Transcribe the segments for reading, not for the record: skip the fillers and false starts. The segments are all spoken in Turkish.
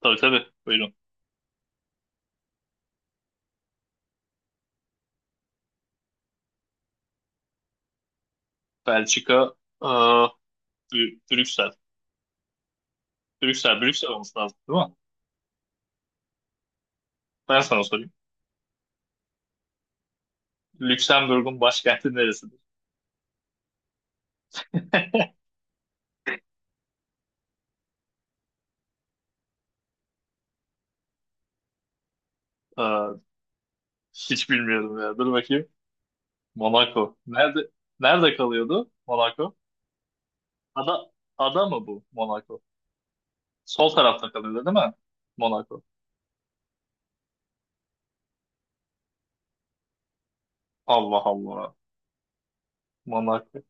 Tabii tabii. Buyurun. Belçika, aa, Brüksel. Brüksel, Brüksel olması lazım değil mi? Ben sana sorayım. Lüksemburg'un başkenti neresidir? Aa, hiç bilmiyorum ya. Dur bakayım. Monaco. Nerede kalıyordu Monaco? Ada ada mı bu Monaco? Sol tarafta kalıyordu değil mi? Monaco. Allah Allah. Monaco.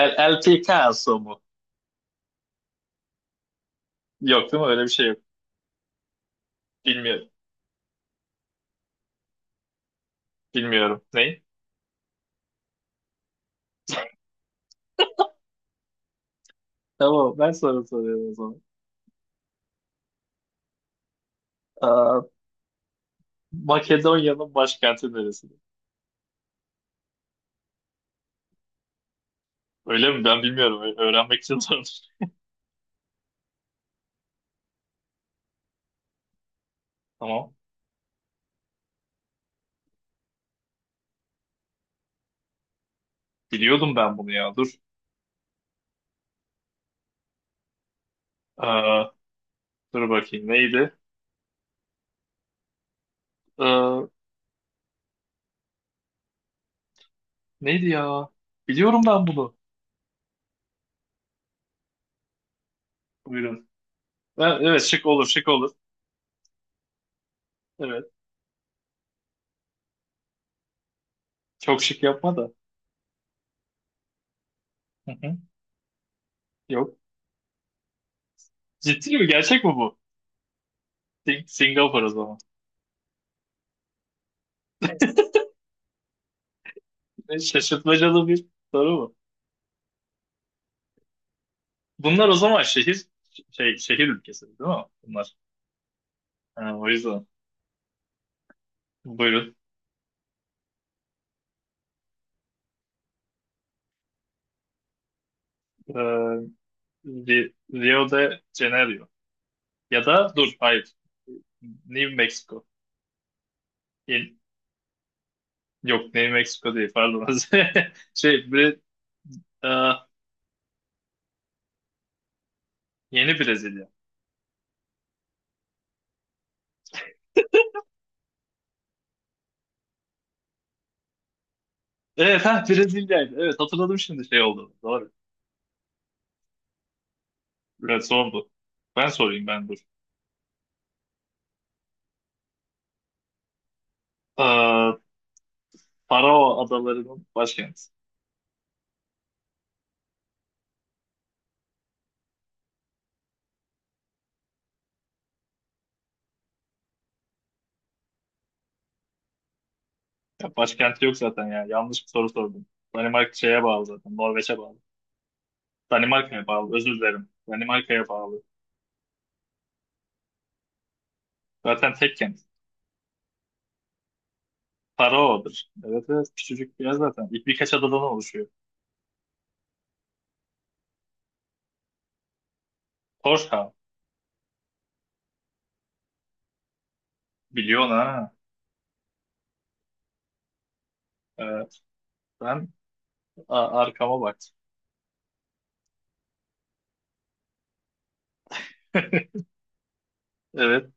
El Picasso mu? Yok değil mi? Öyle bir şey yok. Bilmiyorum. Bilmiyorum. Ne? Tamam, ben sana soruyorum o zaman. E, Makedonya'nın başkenti neresi? Öyle mi? Ben bilmiyorum. Öğrenmek için sordum. Tamam. Biliyordum ben bunu ya. Dur. Ee, dur bakayım. Neydi? Ee, neydi ya? Biliyorum ben bunu. Buyurun. Evet, şık olur, şık olur. Evet. Çok şık yapma da. Hı hı. Yok. Ciddi mi? Gerçek mi bu? Singapur o zaman. Şaşırtmacalı bir soru bu. Bunlar o zaman şehir ülkesi değil mi bunlar? Ha, o yüzden. Buyurun. Ee, Rio de Janeiro. Ya da dur, hayır. New Mexico. Yeni- yok, New Mexico değil, pardon. Şey, e, yeni Brezilya. Evet, ha, Brezilya'ydı. Evet, hatırladım şimdi, şey oldu. Doğru. Evet, son bu. Ben sorayım, ben. Dur. E, Faroe Adaları'nın başkenti. Ya başkenti yok zaten ya. Yanlış bir soru sordum. Danimarka şeye bağlı zaten. Norveç'e bağlı. Danimarka'ya bağlı. Özür dilerim. Danimarka'ya bağlı. Zaten tek kent. Faroe'dur. Evet, evet. Küçücük bir yer zaten. Birkaç adadan oluşuyor. Torshov. Biliyorsun ha. Evet. Ben arkama baktım. Evet.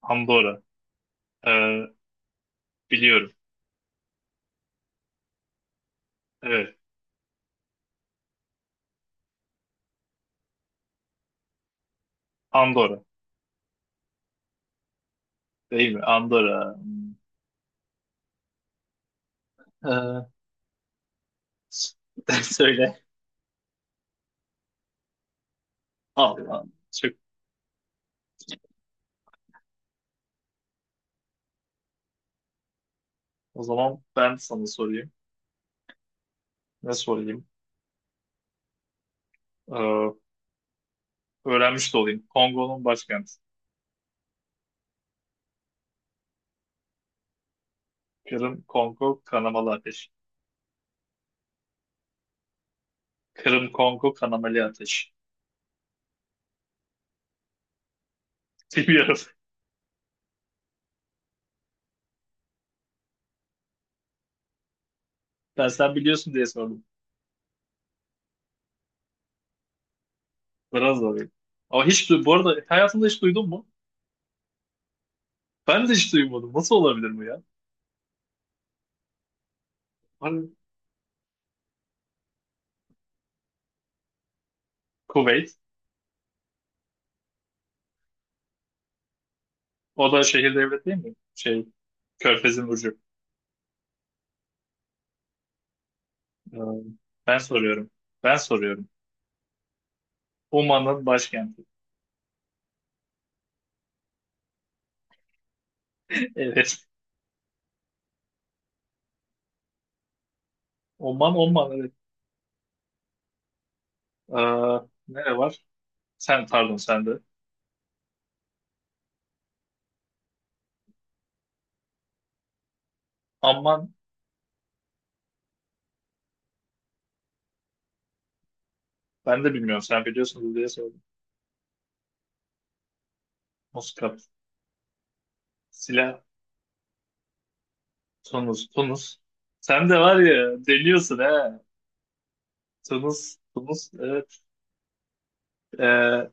Andorra. Ee, biliyorum. Evet. Andorra. Değil mi? Andorra. Hmm. Ee, s- Söyle. Allah. Çok. O zaman ben sana sorayım. Ne sorayım? Ee, öğrenmiş de olayım. Kongo'nun başkenti. Kırım, Kongo, kanamalı ateş. Kırım, Kongo, kanamalı ateş. Bilmiyorum. Ben sen biliyorsun diye sordum. Biraz zor. Ama hiç bu arada hayatında hiç duydun mu? Ben de hiç duymadım. Nasıl olabilir bu ya? Hani Kuveyt. O da şehir devlet değil mi? Şey, Körfez'in ucu. Ee, Ben soruyorum. Ben soruyorum. Oman'ın başkenti. Evet. Oman, Oman, evet. Ee, nere var? Sen, pardon, sende. Amman, ben de bilmiyorum. Sen biliyorsunuz diye sordum. Muscat, Silah, Tunus, Tunus. Sen de var ya, deliyorsun he. Tunus, Tunus, evet. Ee,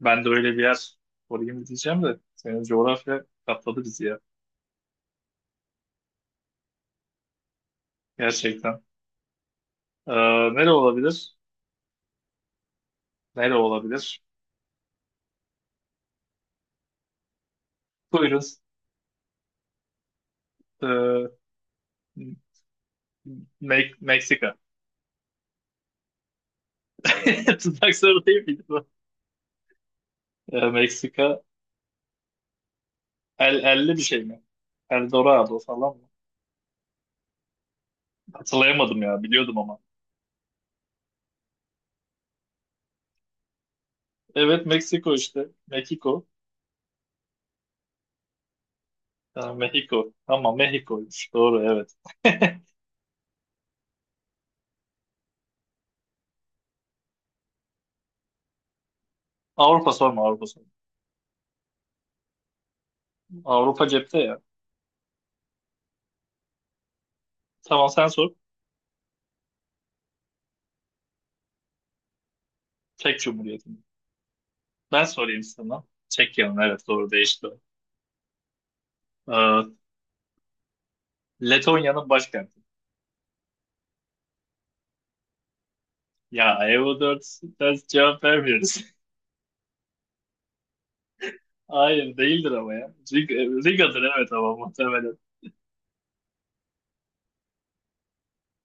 Ben de öyle bir yer sorayım diyeceğim de senin coğrafya katladı bizi ya. Gerçekten. Ee, nere olabilir? Nere olabilir? Buyurun. Ee, Meksika. Tutmak soru değil miydi bu? Meksika. Elli bir şey mi? Eldorado falan mı? Hatırlayamadım ya, biliyordum ama. Evet, Meksiko işte. Meksiko. Ha, Mexico. Ama Mexico'ymuş. Doğru, evet. Avrupa sorma, Avrupa sorma. Avrupa cepte ya. Tamam, sen sor. Çek Cumhuriyeti. Ben sorayım sana. Çekya'nın, evet, doğru, değişti o. Ee, Letonya'nın başkenti. Ya, Evo 4 ders cevap vermiyoruz. Hayır değildir ama ya. Riga'dır evet, ama muhtemelen.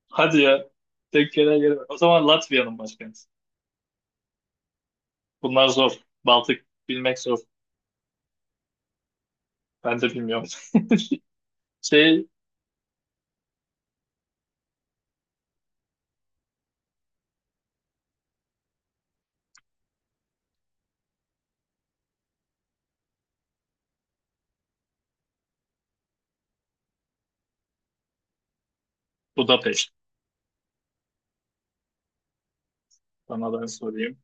Hadi ya. Tekkene gelme. O zaman Latvia'nın başkenti. Bunlar zor. Baltık bilmek zor. Ben de bilmiyorum. Şey, Budapeşt. Sana ben sorayım.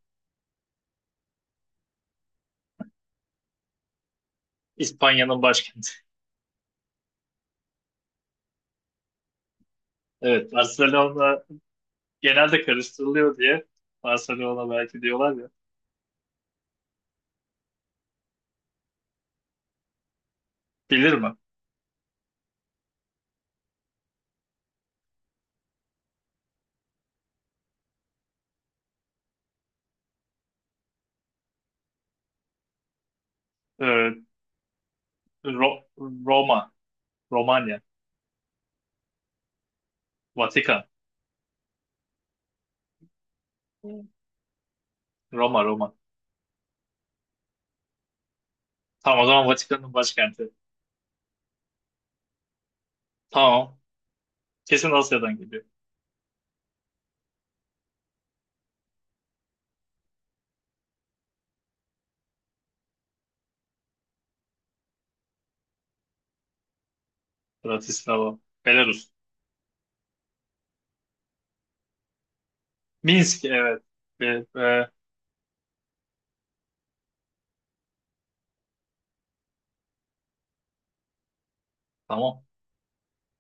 İspanya'nın başkenti. Evet, Barcelona genelde karıştırılıyor diye. Barcelona belki diyorlar ya. Bilir mi? Ee, Ro- Roma, Romanya. Vatikan. Evet. Roma, Roma. Tamam, o zaman Vatikan'ın başkenti. Tamam. Kesin Asya'dan geliyor. Bratislava. Belarus. Minsk, evet. Be- be- tamam.